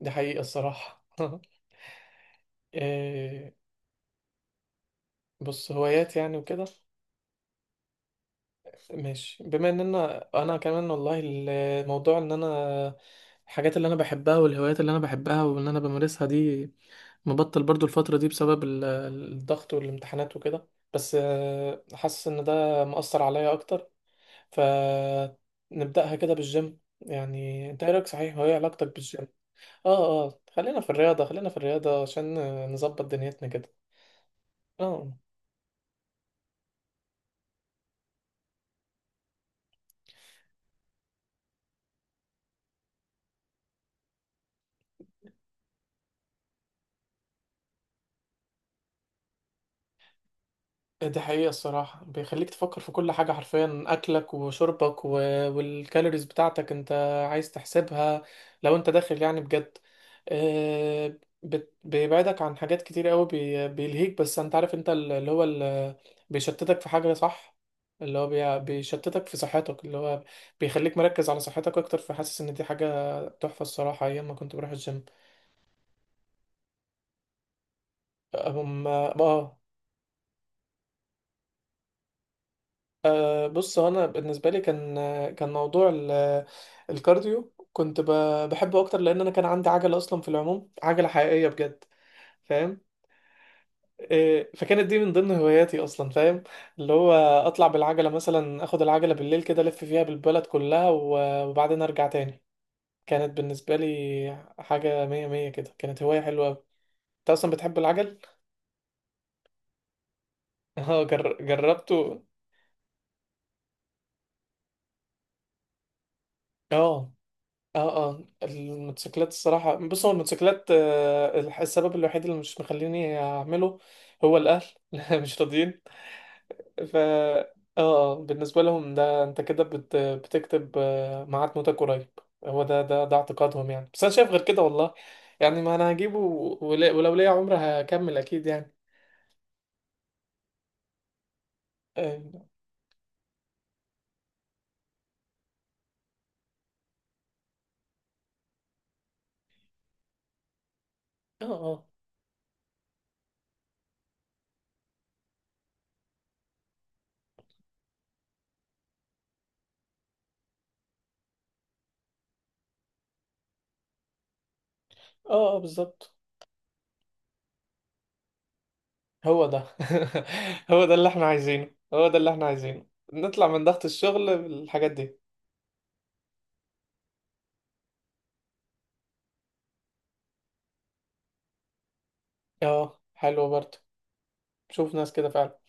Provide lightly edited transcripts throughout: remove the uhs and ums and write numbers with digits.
دي حقيقة الصراحة إيه، بص هوايات يعني وكده. ماشي، بما ان انا كمان والله. الموضوع ان انا، الحاجات اللي انا بحبها والهوايات اللي انا بحبها وان انا بمارسها دي، مبطل برضو الفترة دي بسبب الضغط والامتحانات وكده. بس حاسس ان ده مؤثر عليا اكتر. فنبدأها كده بالجيم، يعني انت ايه رأيك؟ صحيح هو ايه علاقتك بالجيم؟ اه اه، خلينا في الرياضة، خلينا في الرياضة عشان نظبط دنيتنا كده. اه، دي حقيقة الصراحة بيخليك تفكر في كل حاجة حرفيا، أكلك وشربك والكالوريز بتاعتك أنت عايز تحسبها لو أنت داخل يعني بجد. بيبعدك عن حاجات كتير قوي، بيلهيك. بس أنت عارف أنت بيشتتك في حاجة صح، اللي هو بيشتتك في صحتك، اللي هو بيخليك مركز على صحتك أكتر. فحاسس إن دي حاجة تحفة الصراحة أيام ما كنت بروح الجيم. أم... آه بص، هو انا بالنسبه لي كان، كان موضوع الكارديو كنت بحبه اكتر، لان انا كان عندي عجله اصلا. في العموم، عجله حقيقيه بجد، فاهم؟ إيه، فكانت دي من ضمن هواياتي اصلا، فاهم؟ اللي هو اطلع بالعجله مثلا، اخد العجله بالليل كده الف فيها بالبلد كلها وبعدين ارجع تاني. كانت بالنسبه لي حاجه مية مية كده، كانت هوايه حلوه أوي. انت اصلا بتحب العجل؟ اه، جربته. اه اه اه، الموتوسيكلات الصراحة. بص، هو الموتوسيكلات السبب الوحيد اللي مش مخليني أعمله هو الأهل. مش راضيين. ف اه آه، بالنسبة لهم ده انت كده بتكتب ميعاد موتك قريب. هو ده اعتقادهم يعني، بس انا شايف غير كده والله. يعني ما انا هجيبه ولو ليا عمر هكمل اكيد يعني. اه اه اه، آه، آه، بالظبط. هو ده هو ده اللي احنا عايزينه، هو ده اللي احنا عايزينه. نطلع من ضغط الشغل بالحاجات دي. اه، حلو برضه. بشوف ناس كده فعلا.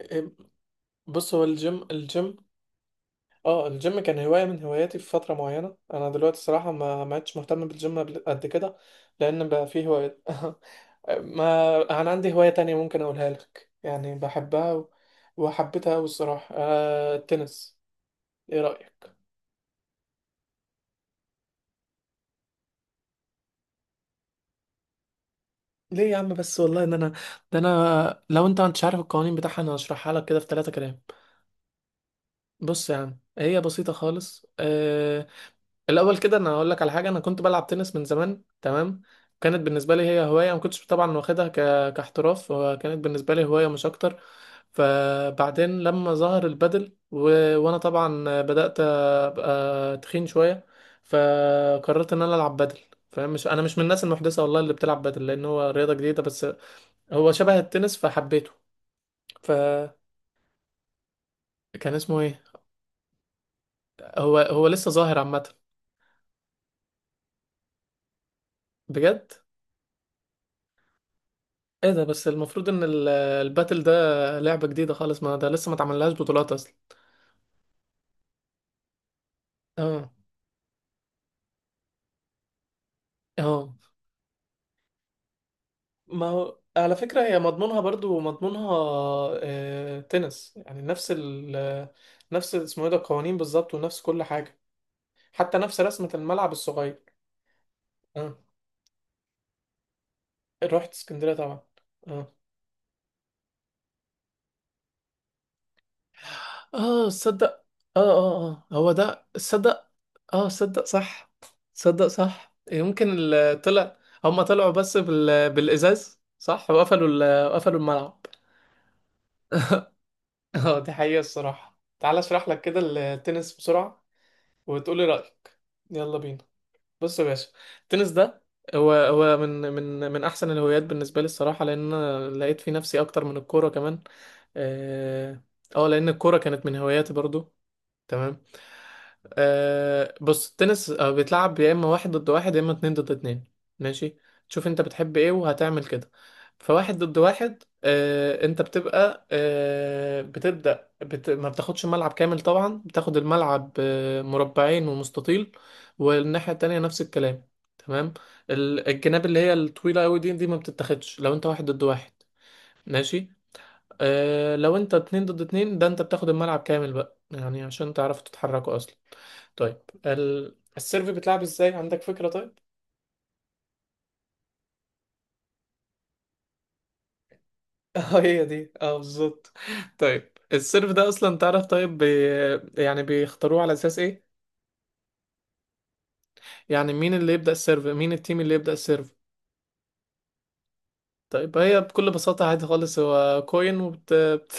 إيه، بص هو الجيم. اه، الجيم كان هواية من هواياتي في فترة معينة. انا دلوقتي صراحة ما عدتش مهتم بالجيم قد كده. لان بقى فيه هوايات. ما انا عندي هواية تانية ممكن اقولها لك يعني، بحبها وحبيتها قوي الصراحة، آه التنس. ايه رأيك؟ ليه يا عم بس والله ان انا، ده انا لو انت مش عارف القوانين بتاعها انا هشرحها لك كده في ثلاثة كلام. بص يا عم، هي بسيطة خالص. الاول كده انا هقول لك على حاجه، انا كنت بلعب تنس من زمان، تمام؟ كانت بالنسبه لي هي هوايه، ما كنتش طبعا واخدها كاحتراف، وكانت بالنسبه لي هوايه مش اكتر. فبعدين لما ظهر البادل وانا طبعا بدات ابقى تخين شويه، فقررت ان انا العب بادل، فاهم؟ مش انا مش من الناس المحدثه والله اللي بتلعب بادل لان هو رياضه جديده، بس هو شبه التنس فحبيته. فكان اسمه ايه؟ هو لسه ظاهر عامه؟ بجد؟ ايه ده؟ بس المفروض ان الباتل ده لعبة جديدة خالص، ما ده لسه ما اتعملهاش بطولات اصلا. اه اه، ما هو على فكرة هي مضمونها برضو مضمونها آه، تنس يعني نفس اسمه ايه ده، القوانين بالظبط، ونفس كل حاجة. حتى نفس رسمة الملعب الصغير. اه، رحت اسكندرية طبعا. اه اه صدق. اه اه اه، هو ده صدق. اه صدق صح، صدق صح. يمكن طلع، هما طلعوا بس بالازاز صح، وقفلوا قفلوا الملعب. اه، دي حقيقة الصراحة. تعال اشرح لك كده التنس بسرعة وتقولي رأيك. يلا بينا. بص يا باشا، التنس ده هو من احسن الهوايات بالنسبة لي الصراحة، لان أنا لقيت في نفسي اكتر من الكورة كمان. اه، آه، لان الكورة كانت من هواياتي برضو، تمام. آه بص التنس بيتلعب يا اما واحد ضد واحد يا اما اتنين ضد اتنين، ماشي. تشوف انت بتحب ايه وهتعمل كده. فواحد ضد واحد، آه انت بتبقى آه بتبدأ بت... ما بتاخدش ملعب كامل طبعا، بتاخد الملعب آه مربعين ومستطيل، والناحية التانية نفس الكلام، تمام. الجناب اللي هي الطويلة قوي دي ما بتتاخدش لو انت واحد ضد واحد، ماشي. آه، لو انت اتنين ضد اتنين ده انت بتاخد الملعب كامل بقى يعني عشان تعرفوا تتحركوا اصلا. طيب السيرف بتلعب ازاي؟ عندك فكرة طيب؟ اه هي دي، اه بالظبط. طيب السيرف ده اصلا تعرف طيب، يعني بيختاروه على اساس ايه؟ يعني مين اللي يبدأ السيرف؟ مين التيم اللي يبدأ السيرف؟ طيب هي بكل بساطة عادي خالص، هو كوين،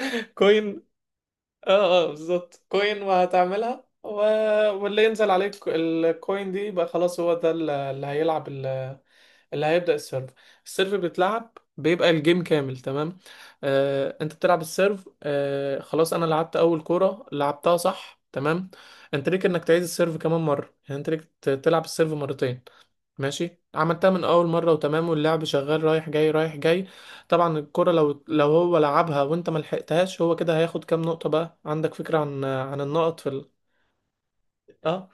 كوين. اه اه بالظبط، كوين وهتعملها واللي ينزل عليك الكوين دي يبقى خلاص هو ده اللي هيلعب، اللي هيبدأ السيرف. السيرف بيتلعب بيبقى الجيم كامل، تمام. انت بتلعب السيرف. خلاص انا لعبت اول كورة لعبتها صح تمام، انت ليك انك تعيد السيرف كمان مرة، يعني انت ليك تلعب السيرف مرتين. ماشي، عملتها من اول مرة وتمام، واللعب شغال رايح جاي رايح جاي. طبعا الكرة لو هو لعبها وانت ما لحقتهاش، هو كده هياخد كام نقطة. بقى عندك فكرة عن النقط في اه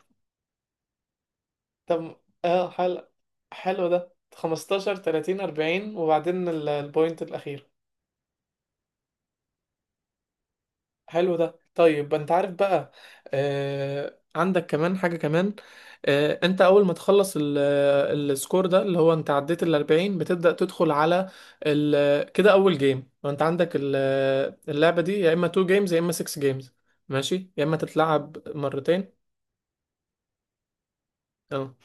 طب، اه حلو. حلو ده 15 30 40 وبعدين البوينت الأخير. حلو ده. طيب انت عارف بقى، آه عندك كمان حاجة كمان. آه، انت اول ما تخلص السكور ده اللي هو انت عديت ال 40 بتبدأ تدخل على ال كده اول جيم، وانت عندك اللعبة دي يا اما 2 جيمز يا اما 6 جيمز، ماشي، يا اما تتلعب مرتين. اه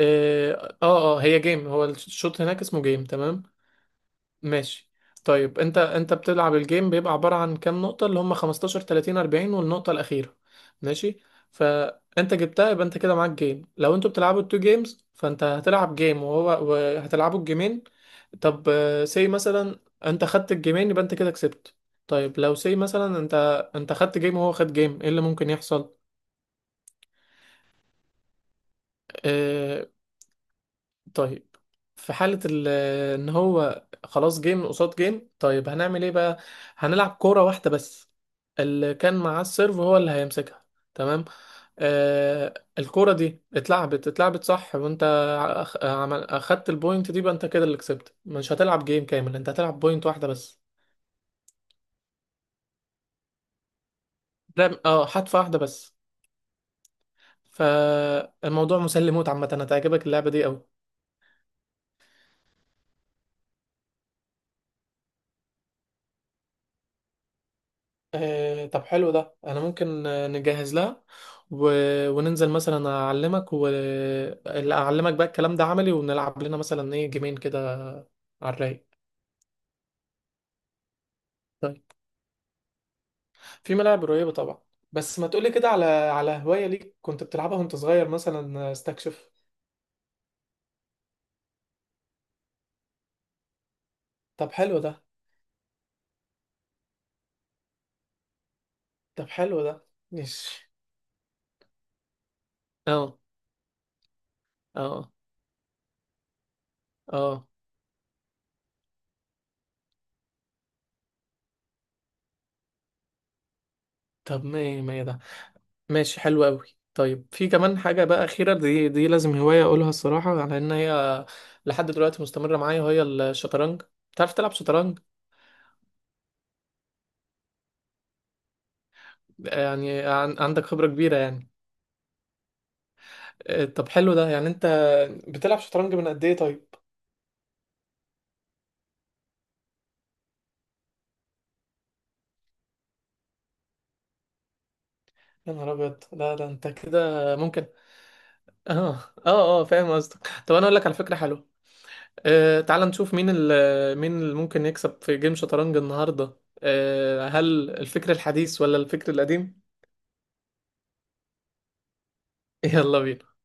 اه اه آه، هي جيم، هو الشوط هناك اسمه جيم، تمام. ماشي. طيب انت بتلعب الجيم بيبقى عبارة عن كام نقطة، اللي هم 15 30 40 والنقطة الأخيرة، ماشي. فانت جبتها يبقى انت كده معاك جيم. لو انتوا بتلعبوا التو جيمز فانت هتلعب جيم وهو وهتلعبوا الجيمين. طب، سي مثلا انت خدت الجيمين يبقى انت كده كسبت. طيب لو سي مثلا، انت خدت جيم وهو خد جيم، ايه اللي ممكن يحصل؟ آه، طيب في حالة ان هو خلاص جيم قصاد جيم، طيب هنعمل ايه بقى؟ هنلعب كورة واحدة بس، اللي كان معاه السيرف هو اللي هيمسكها، تمام. آه الكورة دي اتلعبت صح، وانت اخدت البوينت دي، بقى انت كده اللي كسبت. مش هتلعب جيم كامل، انت هتلعب بوينت واحدة بس. لا اه، حدفة واحدة بس. فالموضوع مسلي موت عامة، هتعجبك اللعبة دي قوي. آه، طب حلو ده. انا ممكن نجهز لها و... وننزل مثلا، اعلمك واعلمك بقى الكلام ده عملي، ونلعب لنا مثلا ايه جيمين كده على الرايق. طيب، في ملاعب قريبة طبعا. بس ما تقولي كده على هواية ليك كنت بتلعبها وانت صغير مثلا؟ آه، استكشف. طب حلو ده. طب حلو ده ماشي. اه اه اه. طب ما ما ده ماشي حلو قوي. طيب في كمان حاجة بقى أخيرة، دي لازم هواية أقولها الصراحة على إن هي لحد دلوقتي مستمرة معايا، وهي الشطرنج. بتعرف تلعب شطرنج؟ يعني عندك خبرة كبيرة يعني. آه، طب حلو ده. يعني أنت بتلعب شطرنج من قد إيه طيب؟ يا نهار أبيض! لا ده أنت كده ممكن. آه آه آه، فاهم قصدك. طب أنا أقول لك على فكرة حلوة، آه، تعال نشوف مين ال مين اللي ممكن يكسب في جيم شطرنج النهاردة. آه، هل الفكر الحديث ولا الفكر القديم؟ يلا بينا.